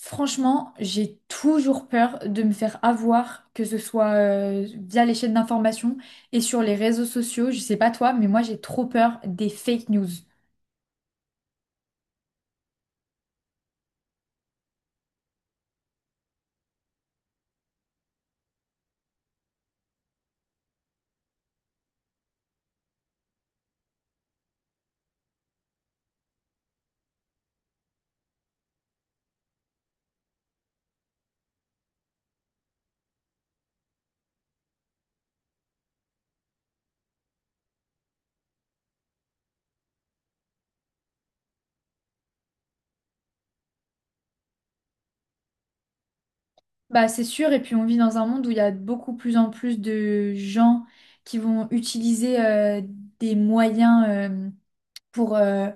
Franchement, j'ai toujours peur de me faire avoir, que ce soit via les chaînes d'information et sur les réseaux sociaux. Je sais pas toi, mais moi j'ai trop peur des fake news. Bah c'est sûr, et puis on vit dans un monde où il y a beaucoup plus en plus de gens qui vont utiliser des moyens pour, euh,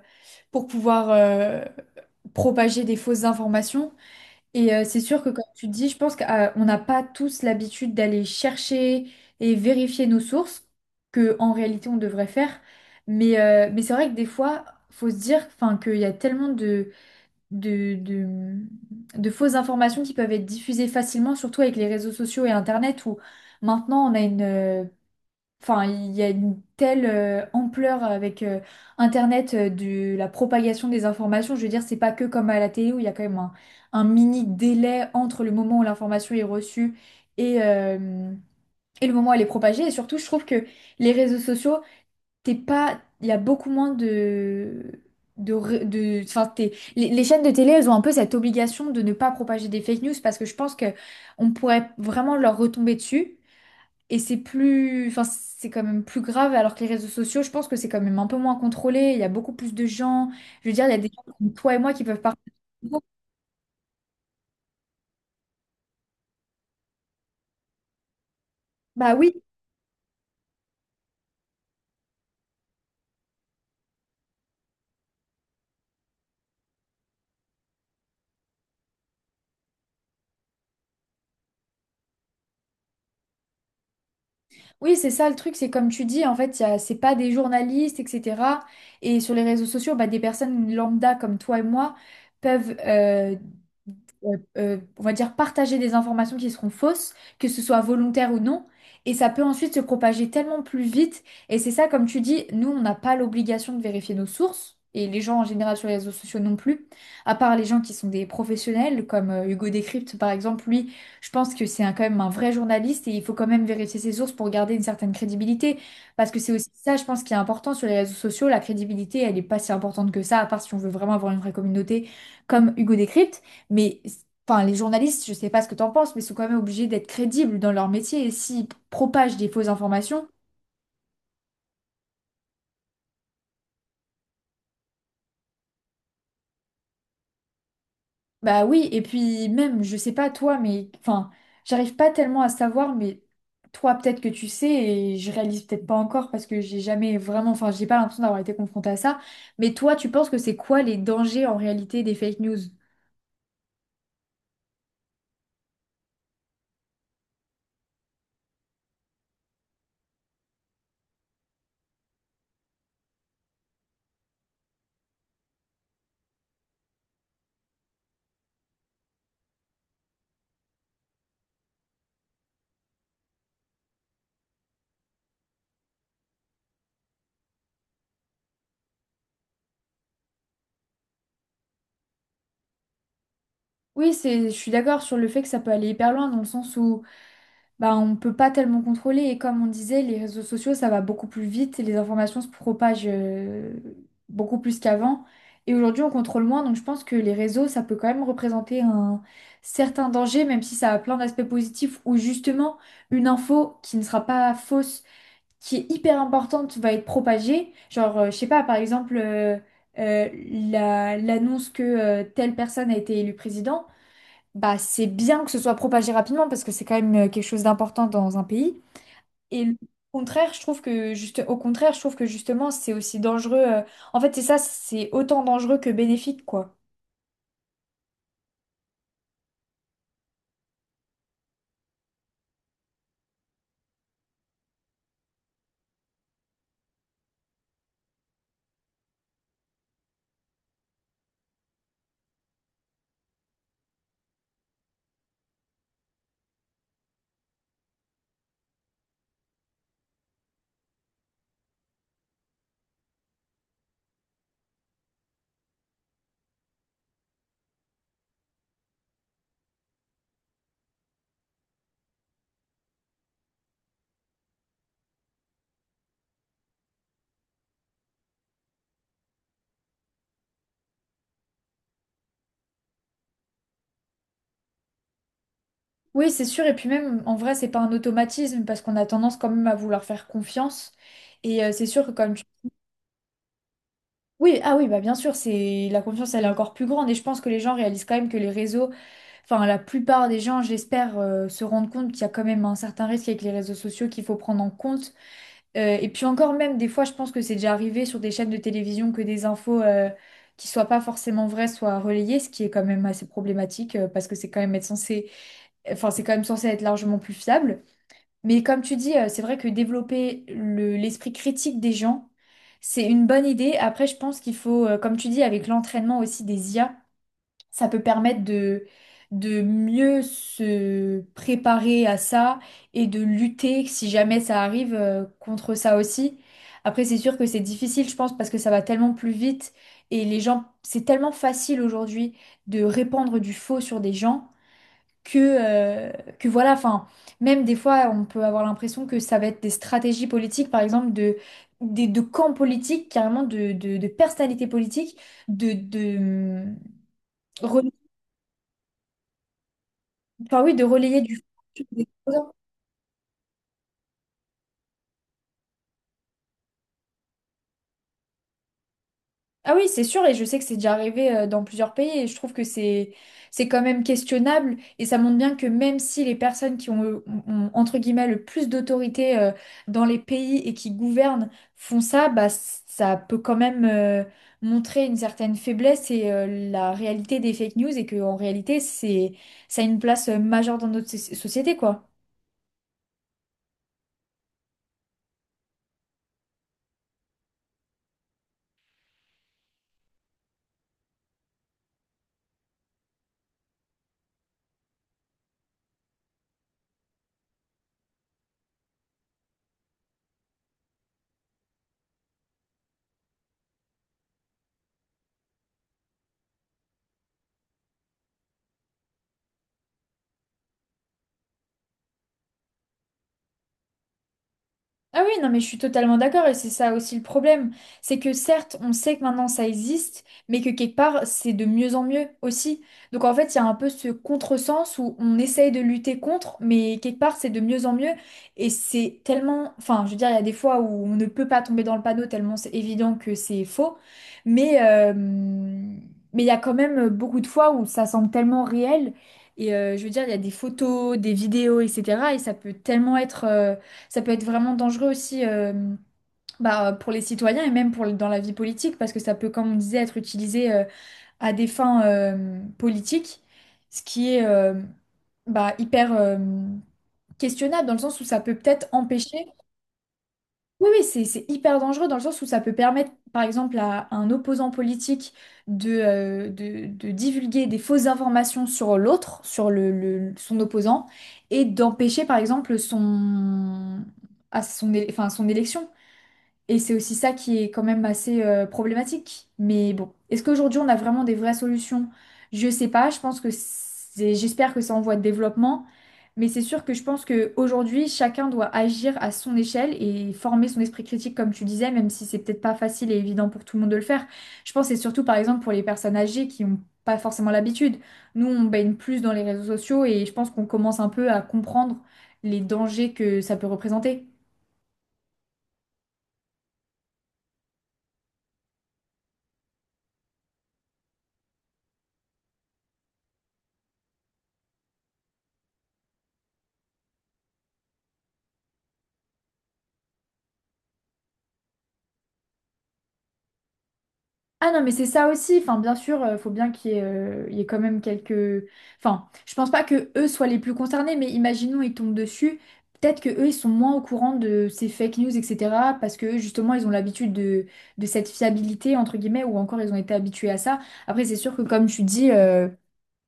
pour pouvoir propager des fausses informations. Et c'est sûr que, comme tu dis, je pense qu'on n'a pas tous l'habitude d'aller chercher et vérifier nos sources, que en réalité on devrait faire. Mais c'est vrai que des fois, faut se dire enfin, qu'il y a tellement de, de, de fausses informations qui peuvent être diffusées facilement, surtout avec les réseaux sociaux et Internet, où maintenant on a enfin, il y a une telle ampleur avec Internet, de la propagation des informations. Je veux dire, c'est pas que comme à la télé où il y a quand même un mini délai entre le moment où l'information est reçue et, euh, et le moment où elle est propagée. Et surtout, je trouve que les réseaux sociaux, t'es pas, il y a beaucoup moins enfin, les chaînes de télé, elles ont un peu cette obligation de ne pas propager des fake news, parce que je pense que on pourrait vraiment leur retomber dessus. Et c'est plus, enfin, c'est quand même plus grave, alors que les réseaux sociaux, je pense que c'est quand même un peu moins contrôlé. Il y a beaucoup plus de gens. Je veux dire, il y a des gens comme toi et moi qui peuvent partager. Bah oui. Oui, c'est ça le truc, c'est comme tu dis, en fait, c'est pas des journalistes, etc. Et sur les réseaux sociaux, bah, des personnes lambda comme toi et moi peuvent, on va dire, partager des informations qui seront fausses, que ce soit volontaire ou non. Et ça peut ensuite se propager tellement plus vite. Et c'est ça, comme tu dis, nous, on n'a pas l'obligation de vérifier nos sources. Et les gens en général sur les réseaux sociaux non plus, à part les gens qui sont des professionnels, comme Hugo Décrypte par exemple. Lui, je pense que quand même un vrai journaliste et il faut quand même vérifier ses sources pour garder une certaine crédibilité. Parce que c'est aussi ça, je pense, qui est important sur les réseaux sociaux. La crédibilité, elle n'est pas si importante que ça, à part si on veut vraiment avoir une vraie communauté comme Hugo Décrypte. Mais enfin, les journalistes, je sais pas ce que tu en penses, mais sont quand même obligés d'être crédibles dans leur métier. Et s'ils propagent des fausses informations… Bah oui, et puis même, je sais pas toi, mais enfin, j'arrive pas tellement à savoir, mais toi, peut-être que tu sais, et je réalise peut-être pas encore parce que j'ai jamais vraiment, enfin, j'ai pas l'impression d'avoir été confrontée à ça. Mais toi, tu penses que c'est quoi les dangers en réalité des fake news? Oui, c'est, je suis d'accord sur le fait que ça peut aller hyper loin, dans le sens où bah, on ne peut pas tellement contrôler. Et comme on disait, les réseaux sociaux, ça va beaucoup plus vite et les informations se propagent beaucoup plus qu'avant. Et aujourd'hui, on contrôle moins. Donc, je pense que les réseaux, ça peut quand même représenter un certain danger, même si ça a plein d'aspects positifs où justement, une info qui ne sera pas fausse, qui est hyper importante, va être propagée. Genre, je sais pas, par exemple, euh, l'annonce que telle personne a été élue président, bah, c'est bien que ce soit propagé rapidement, parce que c'est quand même quelque chose d'important dans un pays. Et le contraire, je trouve que juste, au contraire, je trouve que justement, c'est aussi dangereux. En fait, c'est ça, c'est autant dangereux que bénéfique, quoi. Oui, c'est sûr. Et puis même, en vrai, c'est pas un automatisme, parce qu'on a tendance quand même à vouloir faire confiance. Et c'est sûr que comme tu… Oui, ah oui, bah bien sûr, c'est la confiance, elle est encore plus grande. Et je pense que les gens réalisent quand même que les réseaux, enfin la plupart des gens, j'espère, se rendent compte qu'il y a quand même un certain risque avec les réseaux sociaux qu'il faut prendre en compte. Et puis encore même, des fois, je pense que c'est déjà arrivé sur des chaînes de télévision que des infos qui soient pas forcément vraies soient relayées, ce qui est quand même assez problématique, parce que c'est quand même être censé, enfin, c'est quand même censé être largement plus fiable. Mais comme tu dis, c'est vrai que développer l'esprit critique des gens, c'est une bonne idée. Après, je pense qu'il faut, comme tu dis, avec l'entraînement aussi des IA, ça peut permettre de mieux se préparer à ça et de lutter, si jamais ça arrive, contre ça aussi. Après, c'est sûr que c'est difficile, je pense, parce que ça va tellement plus vite et les gens, c'est tellement facile aujourd'hui de répandre du faux sur des gens. Que, voilà, enfin, même des fois, on peut avoir l'impression que ça va être des stratégies politiques, par exemple, de camps politiques, carrément de personnalités politiques, de, de, hum, enfin, oui, de relayer du des exposants. Ah oui, c'est sûr, et je sais que c'est déjà arrivé dans plusieurs pays, et je trouve que c'est quand même questionnable, et ça montre bien que même si les personnes qui ont, ont, entre guillemets, le plus d'autorité dans les pays et qui gouvernent font ça, ça peut quand même montrer une certaine faiblesse et la réalité des fake news, et que en réalité c'est ça a une place majeure dans notre société, quoi. Ah oui, non, mais je suis totalement d'accord, et c'est ça aussi le problème. C'est que certes, on sait que maintenant ça existe, mais que quelque part, c'est de mieux en mieux aussi. Donc en fait, il y a un peu ce contresens où on essaye de lutter contre, mais quelque part, c'est de mieux en mieux. Et c'est tellement… Enfin, je veux dire, il y a des fois où on ne peut pas tomber dans le panneau tellement c'est évident que c'est faux. Mais euh, mais il y a quand même beaucoup de fois où ça semble tellement réel. Et je veux dire, il y a des photos, des vidéos, etc. Et ça peut tellement être… ça peut être vraiment dangereux aussi, bah, pour les citoyens et même pour, dans la vie politique, parce que ça peut, comme on disait, être utilisé à des fins politiques, ce qui est bah, hyper questionnable, dans le sens où ça peut peut-être empêcher… Oui, oui, c'est hyper dangereux, dans le sens où ça peut permettre, par exemple, à un opposant politique de, de divulguer des fausses informations sur l'autre, sur son opposant, et d'empêcher, par exemple, son… enfin, son élection. Et c'est aussi ça qui est quand même assez problématique. Mais bon, est-ce qu'aujourd'hui on a vraiment des vraies solutions? Je sais pas, je pense que c'est, j'espère que ça en voie de développement, mais c'est sûr que je pense qu'aujourd'hui chacun doit agir à son échelle et former son esprit critique comme tu disais, même si c'est peut-être pas facile et évident pour tout le monde de le faire. Je pense que c'est surtout par exemple pour les personnes âgées qui ont pas forcément l'habitude. Nous, on baigne plus dans les réseaux sociaux et je pense qu'on commence un peu à comprendre les dangers que ça peut représenter. Ah non, mais c'est ça aussi. Enfin, bien sûr, il faut bien qu'il y ait, il y ait quand même quelques… Enfin, je pense pas que eux soient les plus concernés, mais imaginons ils tombent dessus. Peut-être que eux, ils sont moins au courant de ces fake news, etc. Parce que eux, justement, ils ont l'habitude de cette fiabilité, entre guillemets, ou encore ils ont été habitués à ça. Après, c'est sûr que, comme tu dis,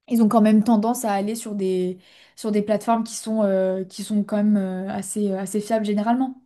ils ont quand même tendance à aller sur des plateformes qui sont quand même assez, assez fiables généralement.